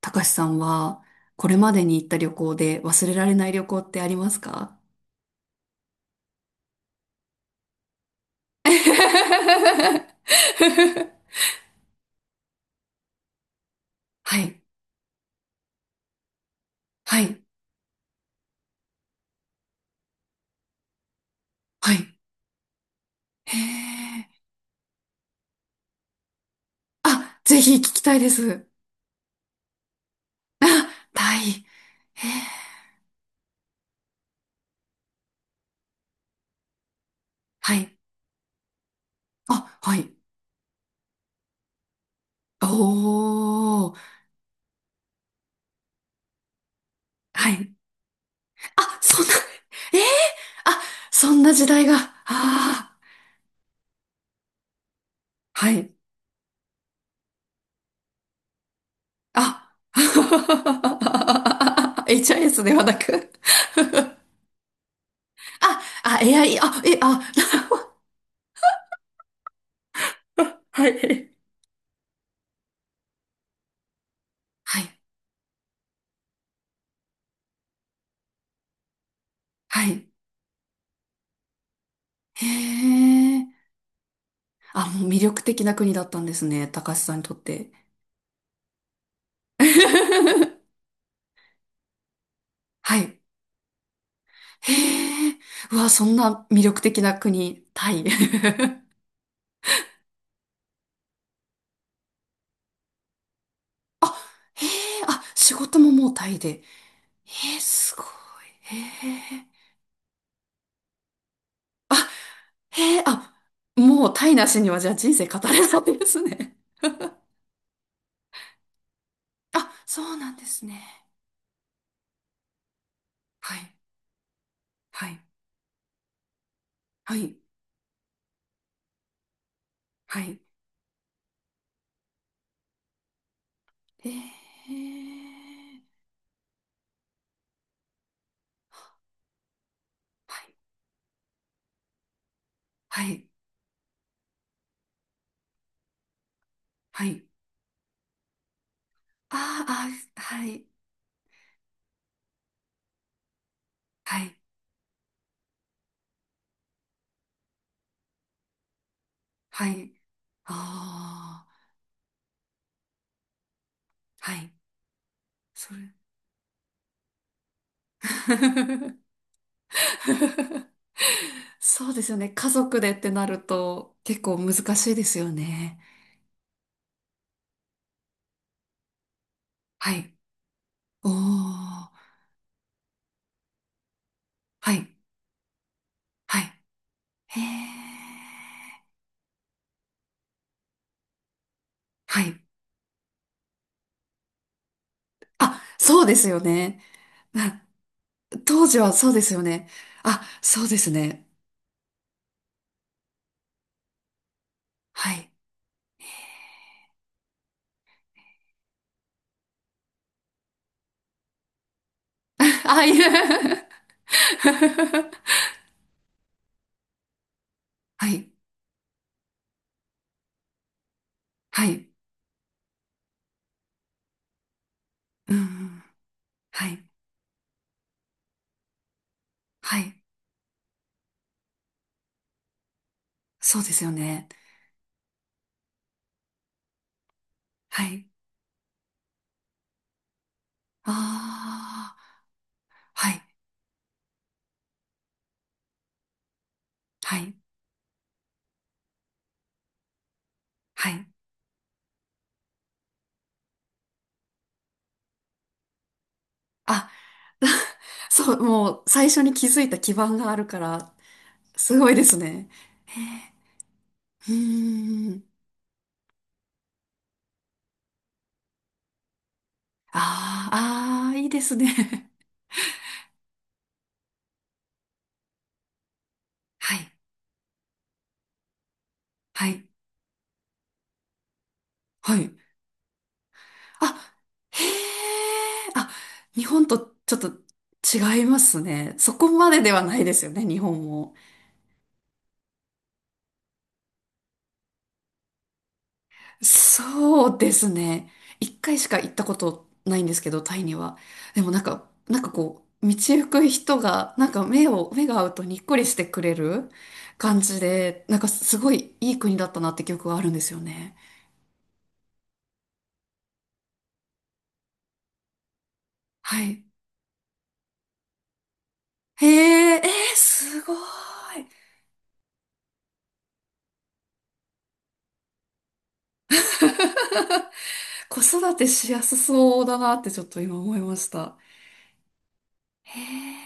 たかしさんは、これまでに行った旅行で忘れられない旅行ってありますか？ はい、はい、はい。へえ。あ、ぜひ聞きたいです。あ、タイ。へえ。はい。あ、はい。おー。はい。あ、そんな、ええ、あ、そんな時代が。ああ、はい。あ、HIS ではなく、AI、はい。はい。はい。へえ。あ、もう魅力的な国だったんですね。高橋さんにとって。はい。へえ。うわ、そんな魅力的な国、タイ。あ、へえ。あ、仕事ももうタイで。へえ、すごい。へえ。へえ、あ、もうタイなしにはじゃあ人生語れないですね。あ、そうなんですね。はい。はい。はい。はい。ええ、はい、はい、はい。あああ、はい、はい、はい。ああ、はい、それ。そうですよね。家族でってなると結構難しいですよね。はい。おー、はい、はい。へー、はい。あ、そうですよね。あ、当時はそうですよね。あ、そうですね。はい。あ、いう はい。はい。うん、はい。はい。そうですよね。はい。ああ、はい。はい。はい。あ、そう、もう最初に気づいた基盤があるから、すごいですね。へえ。うーん。ああ、ああ、いいですね。はい。はい。はい。あ、へえ。あ、日本とちょっと違いますね。そこまでではないですよね、日本も。そうですね。一回しか行ったことないんですけど、タイには。でもなんか、なんかこう、道行く人が、なんか目を、目が合うとにっこりしてくれる感じで、なんかすごいいい国だったなって記憶があるんですよね。はい。へえ、えー、すごい。子育てしやすそうだなってちょっと今思いました。へえ。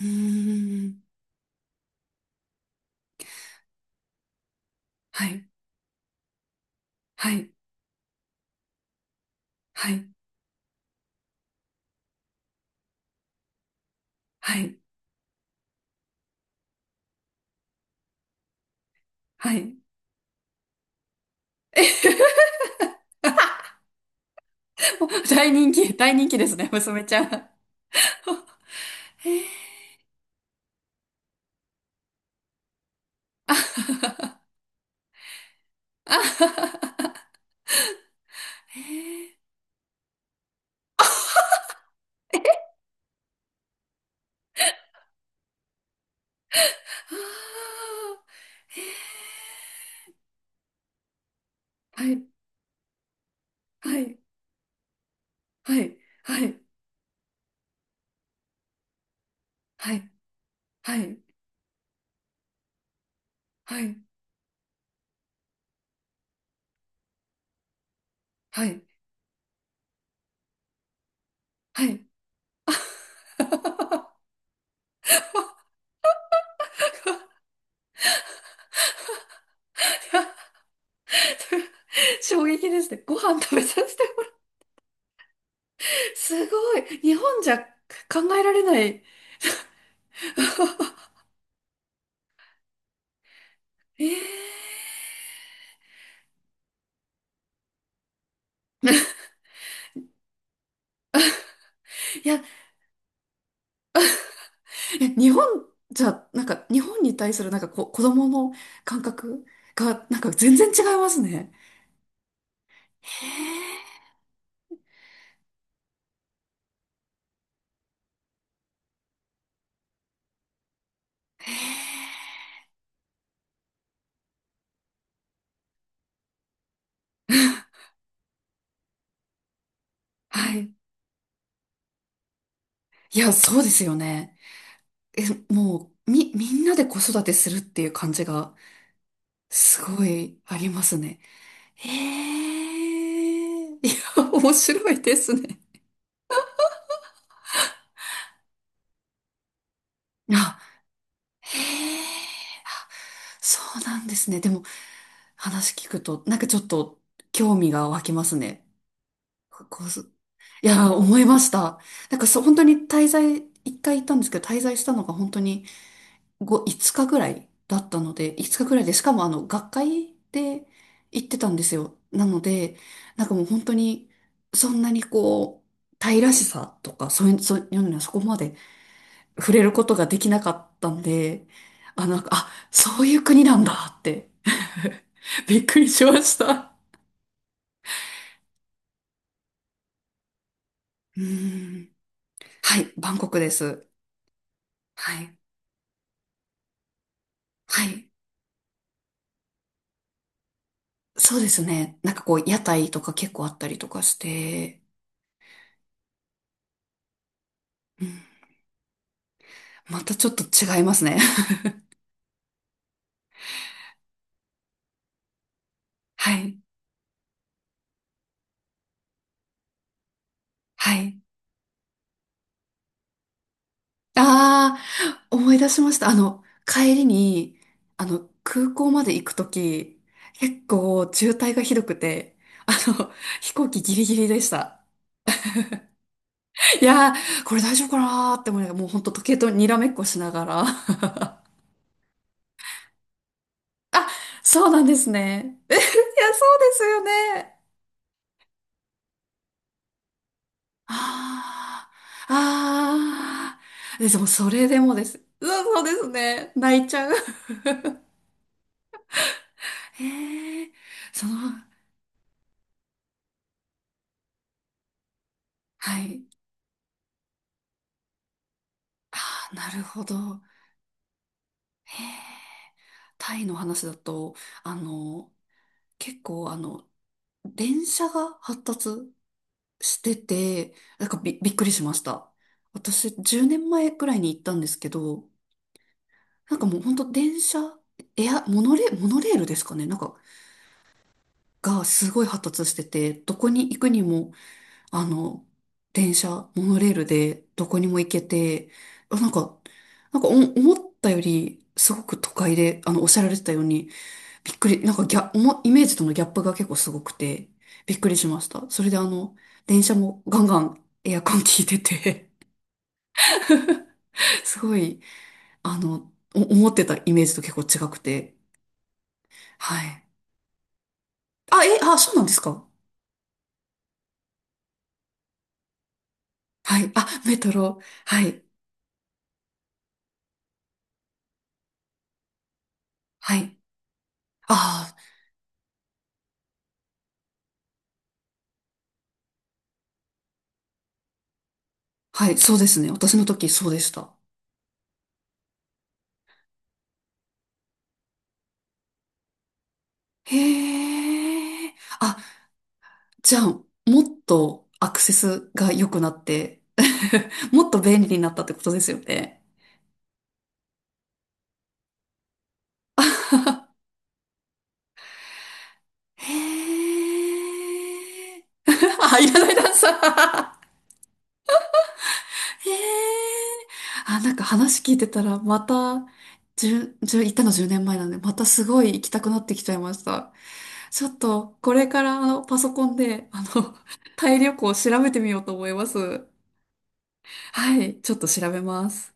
うーん。はい。はい。はい。はい。はい。大人気、大人気ですね、娘ちゃん。あははは はい、はい、はい、はい、はい、はい、はい、はい、はい。衝撃ですね。ご飯食べさせてもらう。すごい。日本じゃ考えられない。えー いや、え、日本じゃ、なんか、日本に対するなんか子供の感覚が、なんか全然違いますね。へえ、へえ、はい。いや、そうですよね。え、もう、みんなで子育てするっていう感じが、すごいありますね。へえ、いや、面白いですね。あ、へえ、あ、そうなんですね。でも、話聞くと、なんかちょっと興味が湧きますね。こいやー、思いました。なんかそう、本当に滞在、一回行ったんですけど、滞在したのが本当に5日ぐらいだったので、5日ぐらいで、しかもあの、学会で行ってたんですよ。なので、なんかもう本当に、そんなにこう、タイらしさとか、そういう、そういうのにはそこまで触れることができなかったんで、あ、なんか、あ、そういう国なんだって、びっくりしました。うーん。はい、バンコクです。はい。はい。そうですね。なんかこう、屋台とか結構あったりとかして、うん、またちょっと違いますね。はい。はい。ああ、思い出しました。あの、帰りに、あの、空港まで行くとき、結構渋滞がひどくて、あの、飛行機ギリギリでした。いやー、これ大丈夫かなーって思いながら、もうほんと時計とにらめっこしながら。あ、そうなんですね。え、いや、そうですよね。ああ、ああ、でもそれでもです。うん、そうですね。泣いちゃう。へえ、その、はい。ああ、なるほど。へえ、タイの話だと、あの、結構、あの、電車が発達してて、なんかびっくりしました。私、10年前くらいに行ったんですけど、なんかもう本当電車、エア、モノレ、モノレールですかね。なんか、がすごい発達してて、どこに行くにも、あの、電車、モノレールでどこにも行けて、あ、なんか、なんか思ったより、すごく都会で、あの、おっしゃられてたように、びっくり、なんかギャ、おもイメージとのギャップが結構すごくて、びっくりしました。それであの、電車もガンガンエアコン効いてて すごい、あの、思ってたイメージと結構違くて、はい。あ、え、あ、そうなんですか？はい。あ、メトロ。はい。はい。ああ、はい。そうですね。私の時そうでした。へえ。あ、じゃあ、もっとアクセスが良くなって もっと便利になったってことですよね。へえ。あ、いらないダンサー。へえ。あ、なんか話聞いてたら、また、じゅ十、じゅう行ったの10年前なんで、またすごい行きたくなってきちゃいました。ちょっと、これから、あの、パソコンで、あの、タイ旅行を調べてみようと思います。はい、ちょっと調べます。